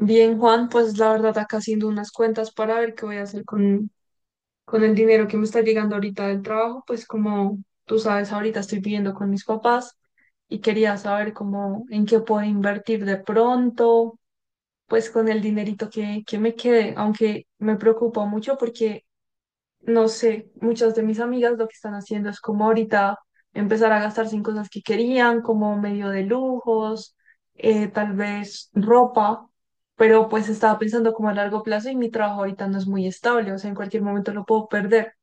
Bien, Juan, pues la verdad acá haciendo unas cuentas para ver qué voy a hacer con el dinero que me está llegando ahorita del trabajo, pues como tú sabes, ahorita estoy viviendo con mis papás y quería saber cómo, en qué puedo invertir de pronto, pues con el dinerito que me quede, aunque me preocupa mucho porque, no sé, muchas de mis amigas lo que están haciendo es como ahorita empezar a gastarse en cosas que querían, como medio de lujos, tal vez ropa. Pero pues estaba pensando como a largo plazo y mi trabajo ahorita no es muy estable, o sea, en cualquier momento lo puedo perder.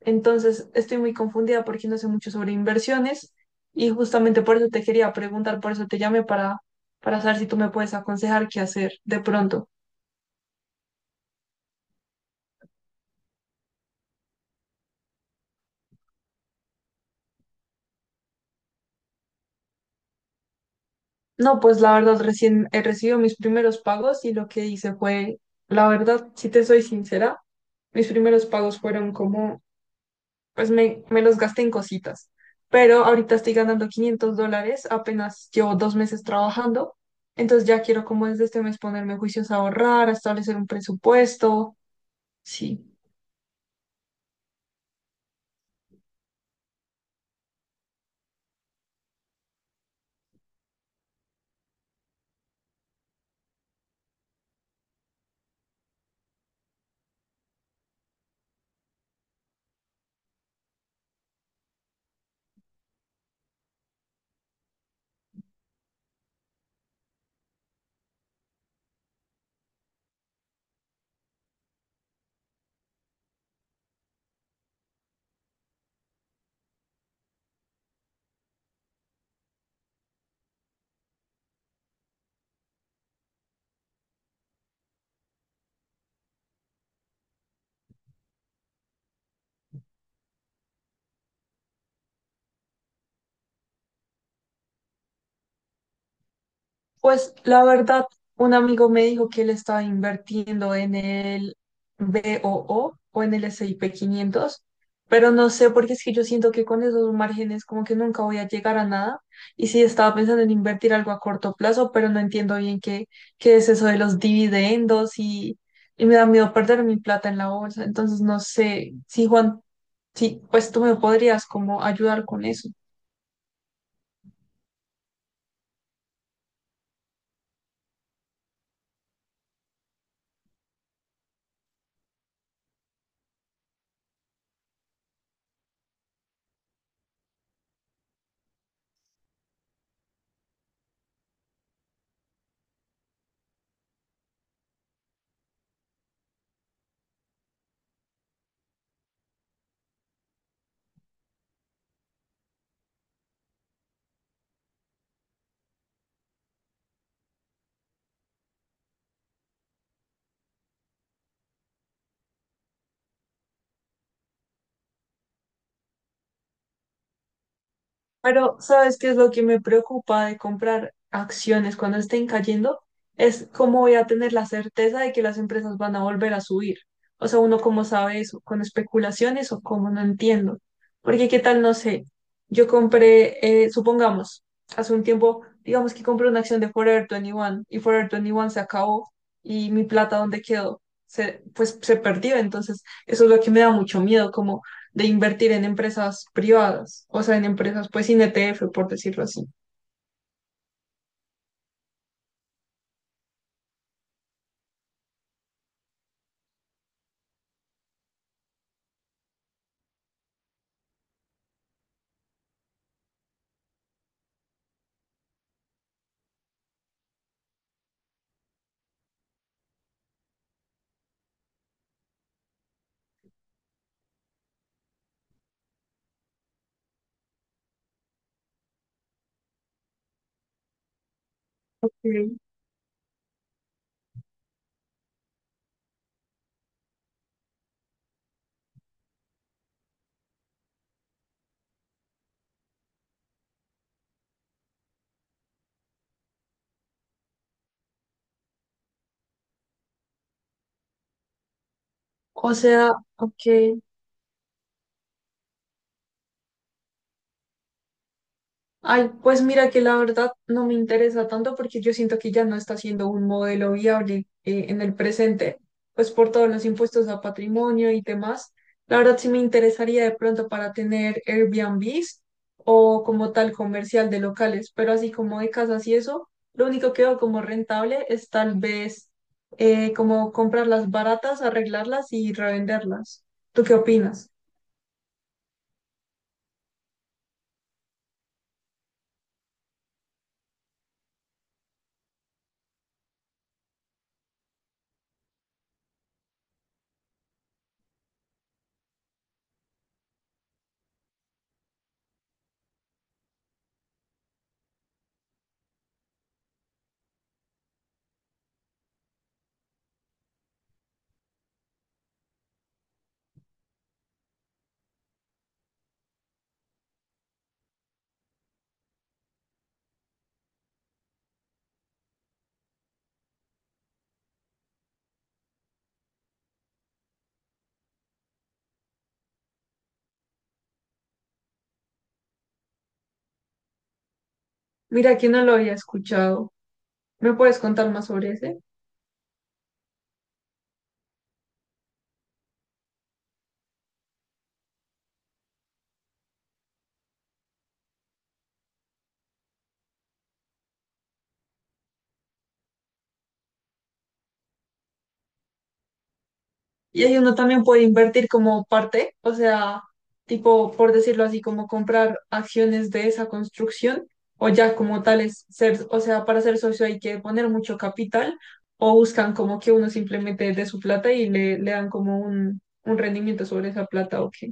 Entonces, estoy muy confundida porque no sé mucho sobre inversiones y justamente por eso te quería preguntar, por eso te llamé para saber si tú me puedes aconsejar qué hacer de pronto. No, pues la verdad, recién he recibido mis primeros pagos y lo que hice fue, la verdad, si te soy sincera, mis primeros pagos fueron como pues me los gasté en cositas. Pero ahorita estoy ganando $500, apenas llevo 2 meses trabajando. Entonces ya quiero como desde este mes ponerme juicios a ahorrar, a establecer un presupuesto. Sí. Pues la verdad, un amigo me dijo que él estaba invirtiendo en el BOO o O o en el S&P 500, pero no sé porque es que yo siento que con esos márgenes como que nunca voy a llegar a nada. Y sí, estaba pensando en invertir algo a corto plazo, pero no entiendo bien qué, qué es eso de los dividendos y me da miedo perder mi plata en la bolsa. Entonces no sé si Juan, sí, pues tú me podrías como ayudar con eso. Pero, ¿sabes qué es lo que me preocupa de comprar acciones cuando estén cayendo? Es cómo voy a tener la certeza de que las empresas van a volver a subir. O sea, uno cómo sabe eso, con especulaciones o cómo, no entiendo. Porque qué tal, no sé, yo compré, supongamos, hace un tiempo, digamos que compré una acción de Forever 21 y Forever 21 se acabó y mi plata, ¿dónde quedó? Pues se perdió. Entonces, eso es lo que me da mucho miedo, como de invertir en empresas privadas, o sea, en empresas pues sin ETF, por decirlo así. Ok. O sea, ok. Ay, pues mira que la verdad no me interesa tanto porque yo siento que ya no está siendo un modelo viable, en el presente, pues por todos los impuestos a patrimonio y demás. La verdad sí me interesaría de pronto para tener Airbnbs o como tal comercial de locales, pero así como de casas y eso, lo único que veo como rentable es tal vez, como comprarlas baratas, arreglarlas y revenderlas. ¿Tú qué opinas? Mira que no lo había escuchado. ¿Me puedes contar más sobre ese? Y ahí uno también puede invertir como parte, o sea, tipo, por decirlo así, como comprar acciones de esa construcción o ya como tales ser, o sea, para ser socio hay que poner mucho capital o buscan como que uno simplemente de su plata y le dan como un rendimiento sobre esa plata o qué.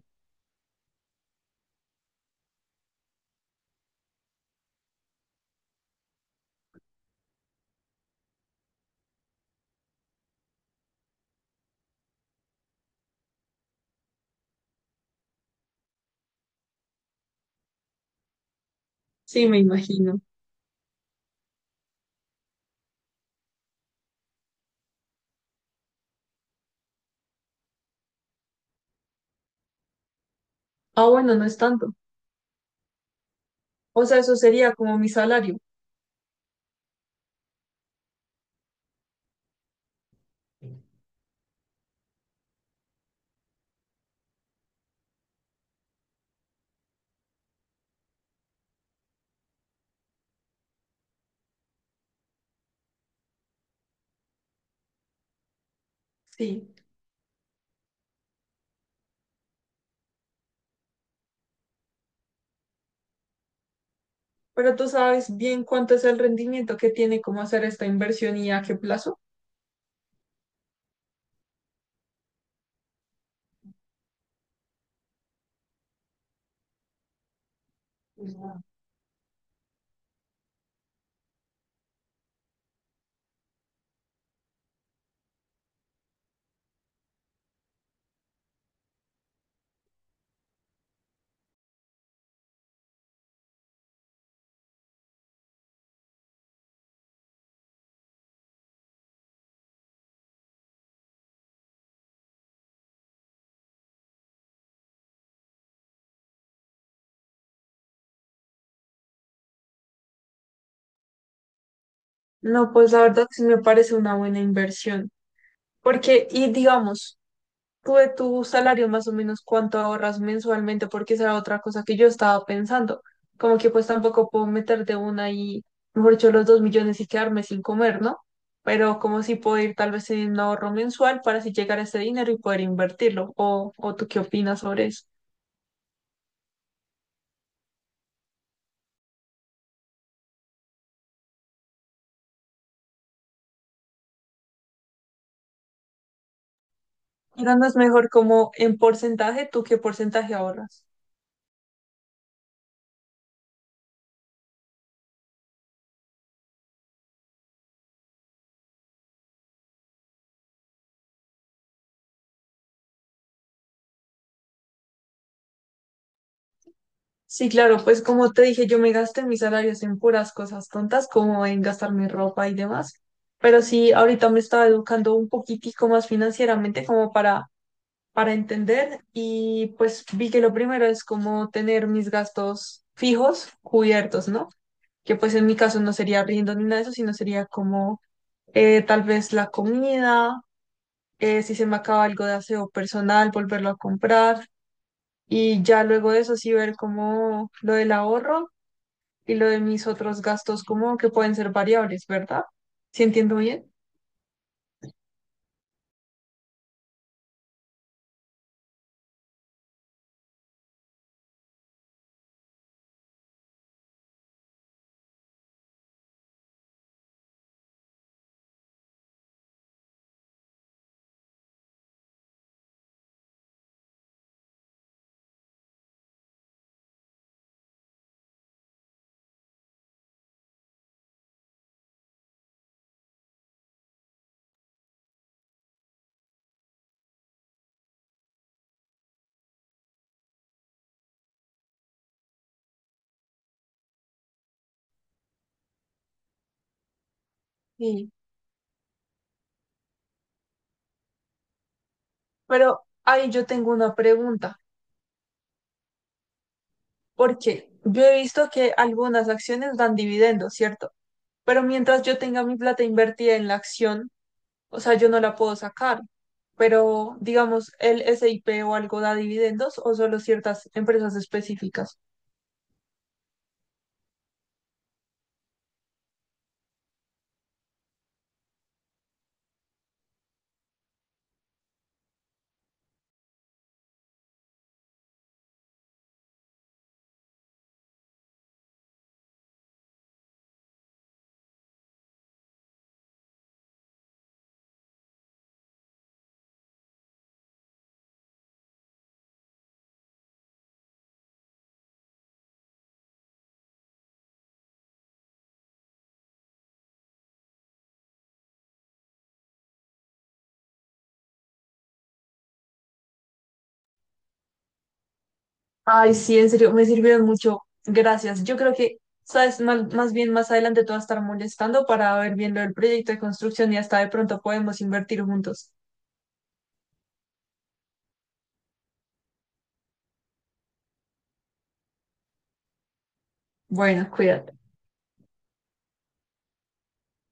Sí, me imagino. Ah, bueno, no es tanto. O sea, eso sería como mi salario. Sí. Pero tú sabes bien cuánto es el rendimiento que tiene como hacer esta inversión y a qué plazo. No, pues la verdad sí me parece una buena inversión. Porque, y digamos, tú de tu salario más o menos cuánto ahorras mensualmente, porque esa era otra cosa que yo estaba pensando. Como que pues tampoco puedo meter de una y, mejor dicho, los 2 millones y quedarme sin comer, ¿no? Pero como si puedo ir tal vez en un ahorro mensual para así llegar a ese dinero y poder invertirlo. O tú qué opinas sobre eso? Pero no es mejor como en porcentaje, ¿tú qué porcentaje ahorras? Sí, claro, pues como te dije, yo me gasté mis salarios en puras cosas tontas, como en gastar mi ropa y demás. Pero sí, ahorita me estaba educando un poquitico más financieramente como para entender y pues vi que lo primero es como tener mis gastos fijos cubiertos, ¿no? Que pues en mi caso no sería riendo ni nada de eso, sino sería como, tal vez la comida, si se me acaba algo de aseo personal, volverlo a comprar. Y ya luego de eso sí ver como lo del ahorro y lo de mis otros gastos como que pueden ser variables, ¿verdad? ¿Sí entiendo bien? Sí. Pero ahí yo tengo una pregunta, porque yo he visto que algunas acciones dan dividendos, ¿cierto? Pero mientras yo tenga mi plata invertida en la acción, o sea, yo no la puedo sacar. Pero digamos, el SIP o algo da dividendos o solo ciertas empresas específicas. Ay, sí, en serio, me sirvieron mucho. Gracias. Yo creo que, sabes, más bien más adelante te vas a estar molestando para ver bien lo del proyecto de construcción y hasta de pronto podemos invertir juntos. Bueno, cuídate.